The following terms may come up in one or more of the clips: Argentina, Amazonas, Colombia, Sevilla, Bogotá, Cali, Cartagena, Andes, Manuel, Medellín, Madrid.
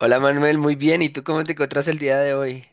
Hola Manuel, muy bien. ¿Y tú cómo te encuentras el día de hoy?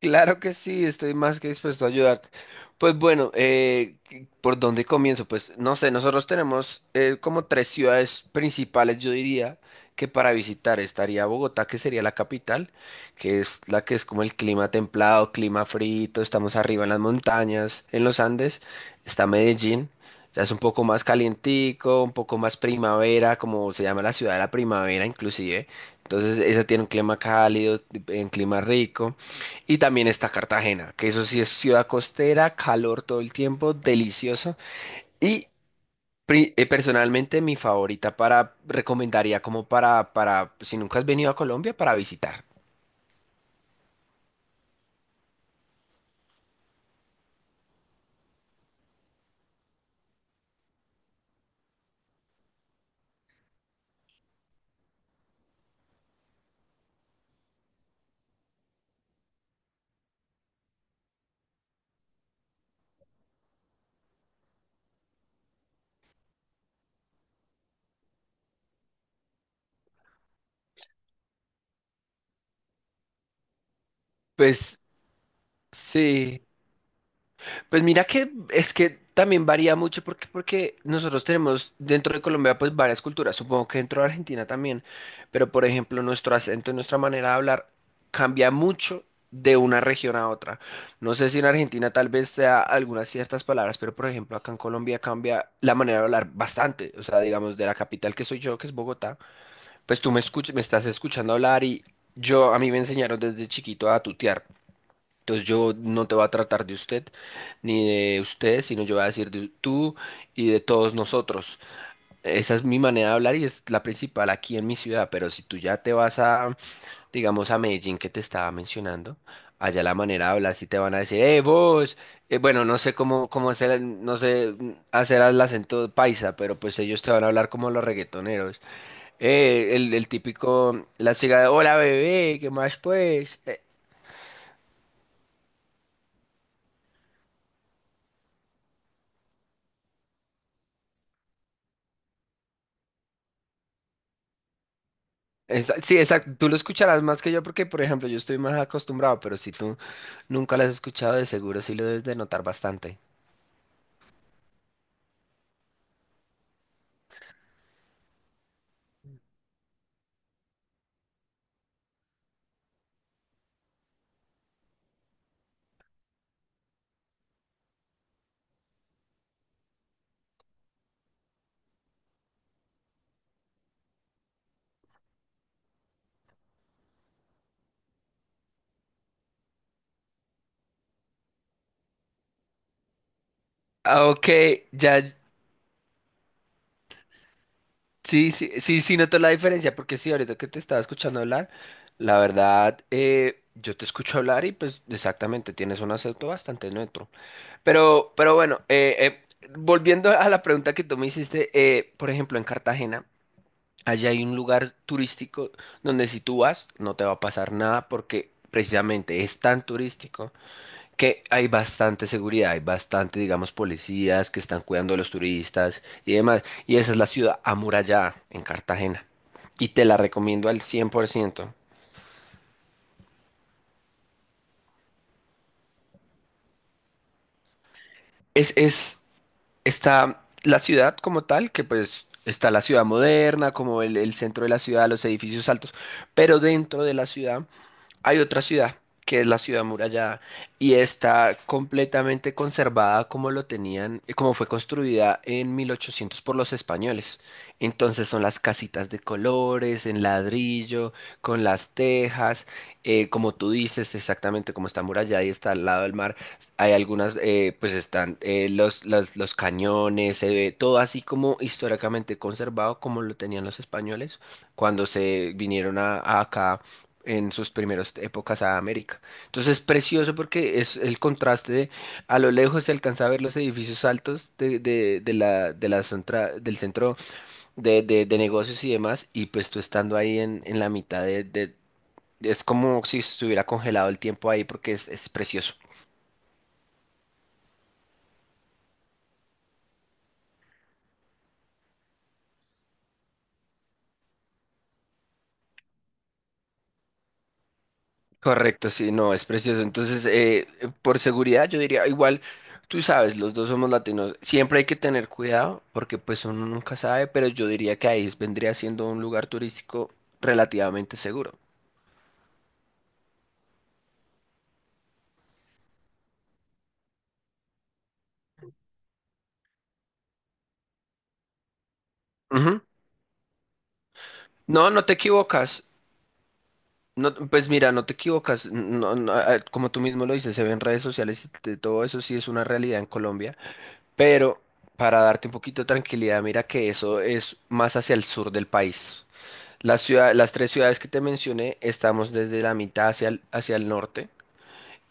Claro que sí, estoy más que dispuesto a ayudarte. Pues bueno, ¿por dónde comienzo? Pues no sé, nosotros tenemos como tres ciudades principales, yo diría, que para visitar estaría Bogotá, que sería la capital, que es la que es como el clima templado, clima frito, estamos arriba en las montañas, en los Andes. Está Medellín, ya es un poco más calientico, un poco más primavera, como se llama la ciudad de la primavera inclusive. Entonces esa tiene un clima cálido, un clima rico. Y también está Cartagena, que eso sí es ciudad costera, calor todo el tiempo, delicioso. Y Personalmente mi favorita para, recomendaría como para, si nunca has venido a Colombia, para visitar. Pues sí. Pues mira que es que también varía mucho porque, porque nosotros tenemos dentro de Colombia pues varias culturas, supongo que dentro de Argentina también, pero por ejemplo nuestro acento y nuestra manera de hablar cambia mucho de una región a otra. No sé si en Argentina tal vez sea algunas ciertas palabras, pero por ejemplo acá en Colombia cambia la manera de hablar bastante, o sea, digamos de la capital que soy yo, que es Bogotá, pues me estás escuchando hablar y yo a mí me enseñaron desde chiquito a tutear. Entonces yo no te voy a tratar de usted ni de usted, sino yo voy a decir de tú y de todos nosotros. Esa es mi manera de hablar y es la principal aquí en mi ciudad, pero si tú ya te vas a, digamos, a Medellín que te estaba mencionando, allá la manera de hablar sí te van a decir, vos. Bueno, no sé cómo, cómo hacer, no sé hacer el acento paisa, pero pues ellos te van a hablar como los reggaetoneros. El típico, la chica de, hola bebé, ¿qué más pues? Sí, exacto. Tú lo escucharás más que yo porque, por ejemplo, yo estoy más acostumbrado, pero si tú nunca lo has escuchado, de seguro sí lo debes de notar bastante. Ah, ok, ya, sí, sí, sí, sí noto la diferencia, porque sí, ahorita que te estaba escuchando hablar, la verdad, yo te escucho hablar y pues exactamente, tienes un acento bastante neutro. Pero bueno, volviendo a la pregunta que tú me hiciste, por ejemplo, en Cartagena. Allá hay un lugar turístico donde si tú vas no te va a pasar nada porque precisamente es tan turístico que hay bastante seguridad, hay bastante, digamos, policías que están cuidando a los turistas y demás. Y esa es la ciudad amurallada en Cartagena. Y te la recomiendo al cien por ciento. Es, está la ciudad como tal, que pues está la ciudad moderna, como el centro de la ciudad, los edificios altos, pero dentro de la ciudad hay otra ciudad, que es la ciudad amurallada, y está completamente conservada como lo tenían, como fue construida en 1800 por los españoles. Entonces son las casitas de colores, en ladrillo, con las tejas, como tú dices, exactamente como está amurallada y está al lado del mar. Hay algunas, pues están los cañones, se ve todo así como históricamente conservado como lo tenían los españoles cuando se vinieron a acá en sus primeras épocas a América. Entonces es precioso porque es el contraste de a lo lejos se alcanza a ver los edificios altos de la del centro de negocios y demás, y pues tú estando ahí en la mitad de- es como si estuviera congelado el tiempo ahí porque es precioso. Correcto, sí, no, es precioso. Entonces, por seguridad, yo diría, igual, tú sabes, los dos somos latinos. Siempre hay que tener cuidado porque pues uno nunca sabe, pero yo diría que ahí vendría siendo un lugar turístico relativamente seguro. Ujú. No, no te equivocas. No, pues mira, no te equivocas. No, no, ah, como tú mismo lo dices, se ve en redes sociales y de todo eso sí es una realidad en Colombia. Pero para darte un poquito de tranquilidad, mira que eso es más hacia el sur del país. Las tres ciudades que te mencioné, estamos desde la mitad hacia el norte,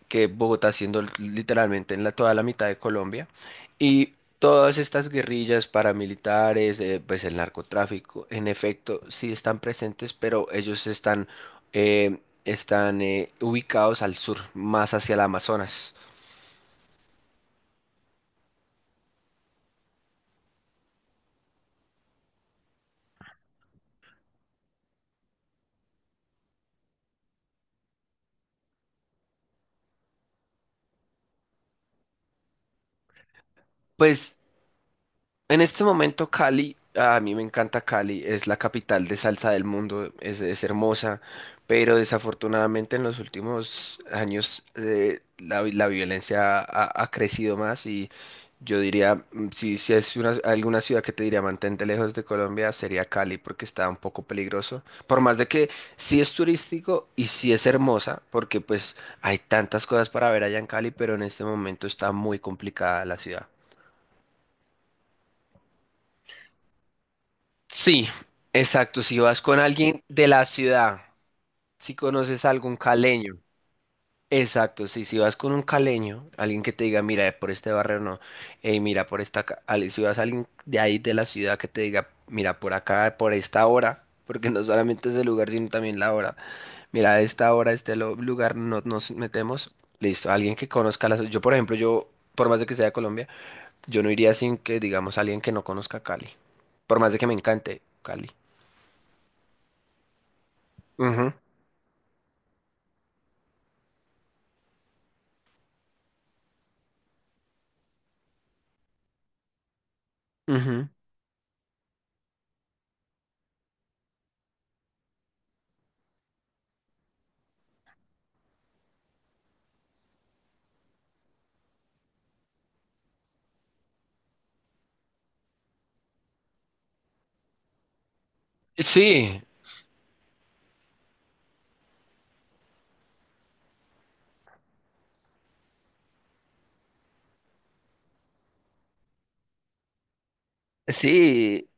que Bogotá siendo literalmente en la, toda la mitad de Colombia, y todas estas guerrillas paramilitares, pues el narcotráfico, en efecto, sí están presentes, pero ellos están, eh, están ubicados al sur, más hacia el Amazonas. Pues en este momento Cali, a mí me encanta Cali, es la capital de salsa del mundo, es hermosa, pero desafortunadamente en los últimos años la violencia ha, ha crecido más y yo diría, si, si es una, alguna ciudad que te diría mantente lejos de Colombia, sería Cali porque está un poco peligroso, por más de que sí es turístico y sí es hermosa, porque pues hay tantas cosas para ver allá en Cali, pero en este momento está muy complicada la ciudad. Sí, exacto. Si vas con alguien de la ciudad, si conoces a algún caleño, exacto. Sí, si vas con un caleño, alguien que te diga, mira, por este barrio no, mira, por esta. Si vas a alguien de ahí de la ciudad que te diga, mira, por acá, por esta hora, porque no solamente es el lugar, sino también la hora. Mira, a esta hora, lugar, no nos metemos. Listo, alguien que conozca la ciudad. Yo, por ejemplo, yo, por más de que sea de Colombia, yo no iría sin que, digamos, alguien que no conozca Cali. Por más de que me encante Cali. Ujú. Sí, sí,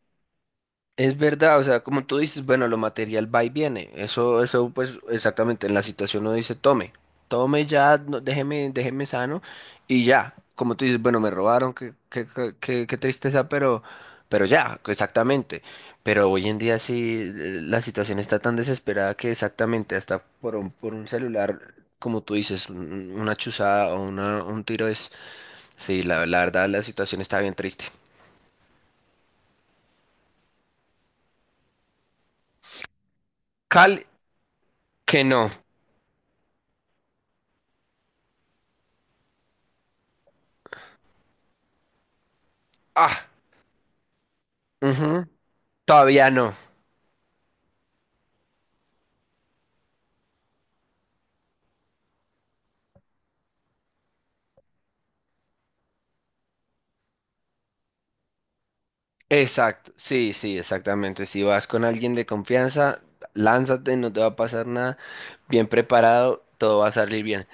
es verdad, o sea, como tú dices, bueno, lo material va y viene, eso, pues, exactamente, en la situación uno dice, tome, tome ya, no, déjeme, déjeme sano, y ya, como tú dices, bueno, me robaron, qué, qué, qué, qué tristeza, pero ya, exactamente, pero hoy en día sí, la situación está tan desesperada que exactamente, hasta por un celular, como tú dices, una chuzada o una, un tiro es, sí, la verdad, la situación está bien triste. Cal Que no. Ah, ujú, todavía no. Exacto. Sí, sí, exactamente. Si vas con alguien de confianza, lánzate, no te va a pasar nada. Bien preparado, todo va a salir bien.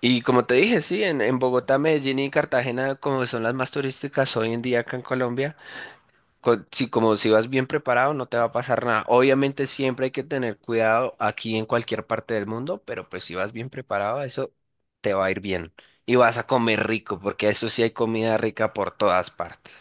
Y como te dije, sí, en Bogotá, Medellín y Cartagena, como son las más turísticas hoy en día acá en Colombia. Si como si vas bien preparado, no te va a pasar nada. Obviamente siempre hay que tener cuidado aquí en cualquier parte del mundo, pero pues si vas bien preparado, eso te va a ir bien. Y vas a comer rico, porque eso sí hay comida rica por todas partes.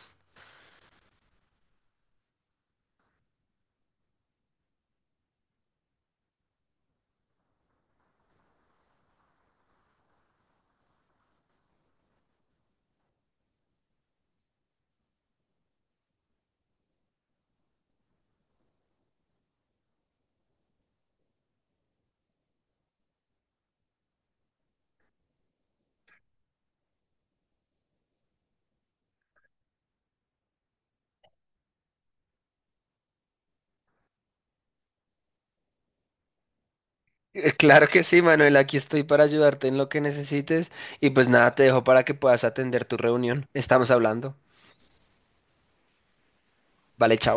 Claro que sí, Manuel, aquí estoy para ayudarte en lo que necesites. Y pues nada, te dejo para que puedas atender tu reunión. Estamos hablando. Vale, chao.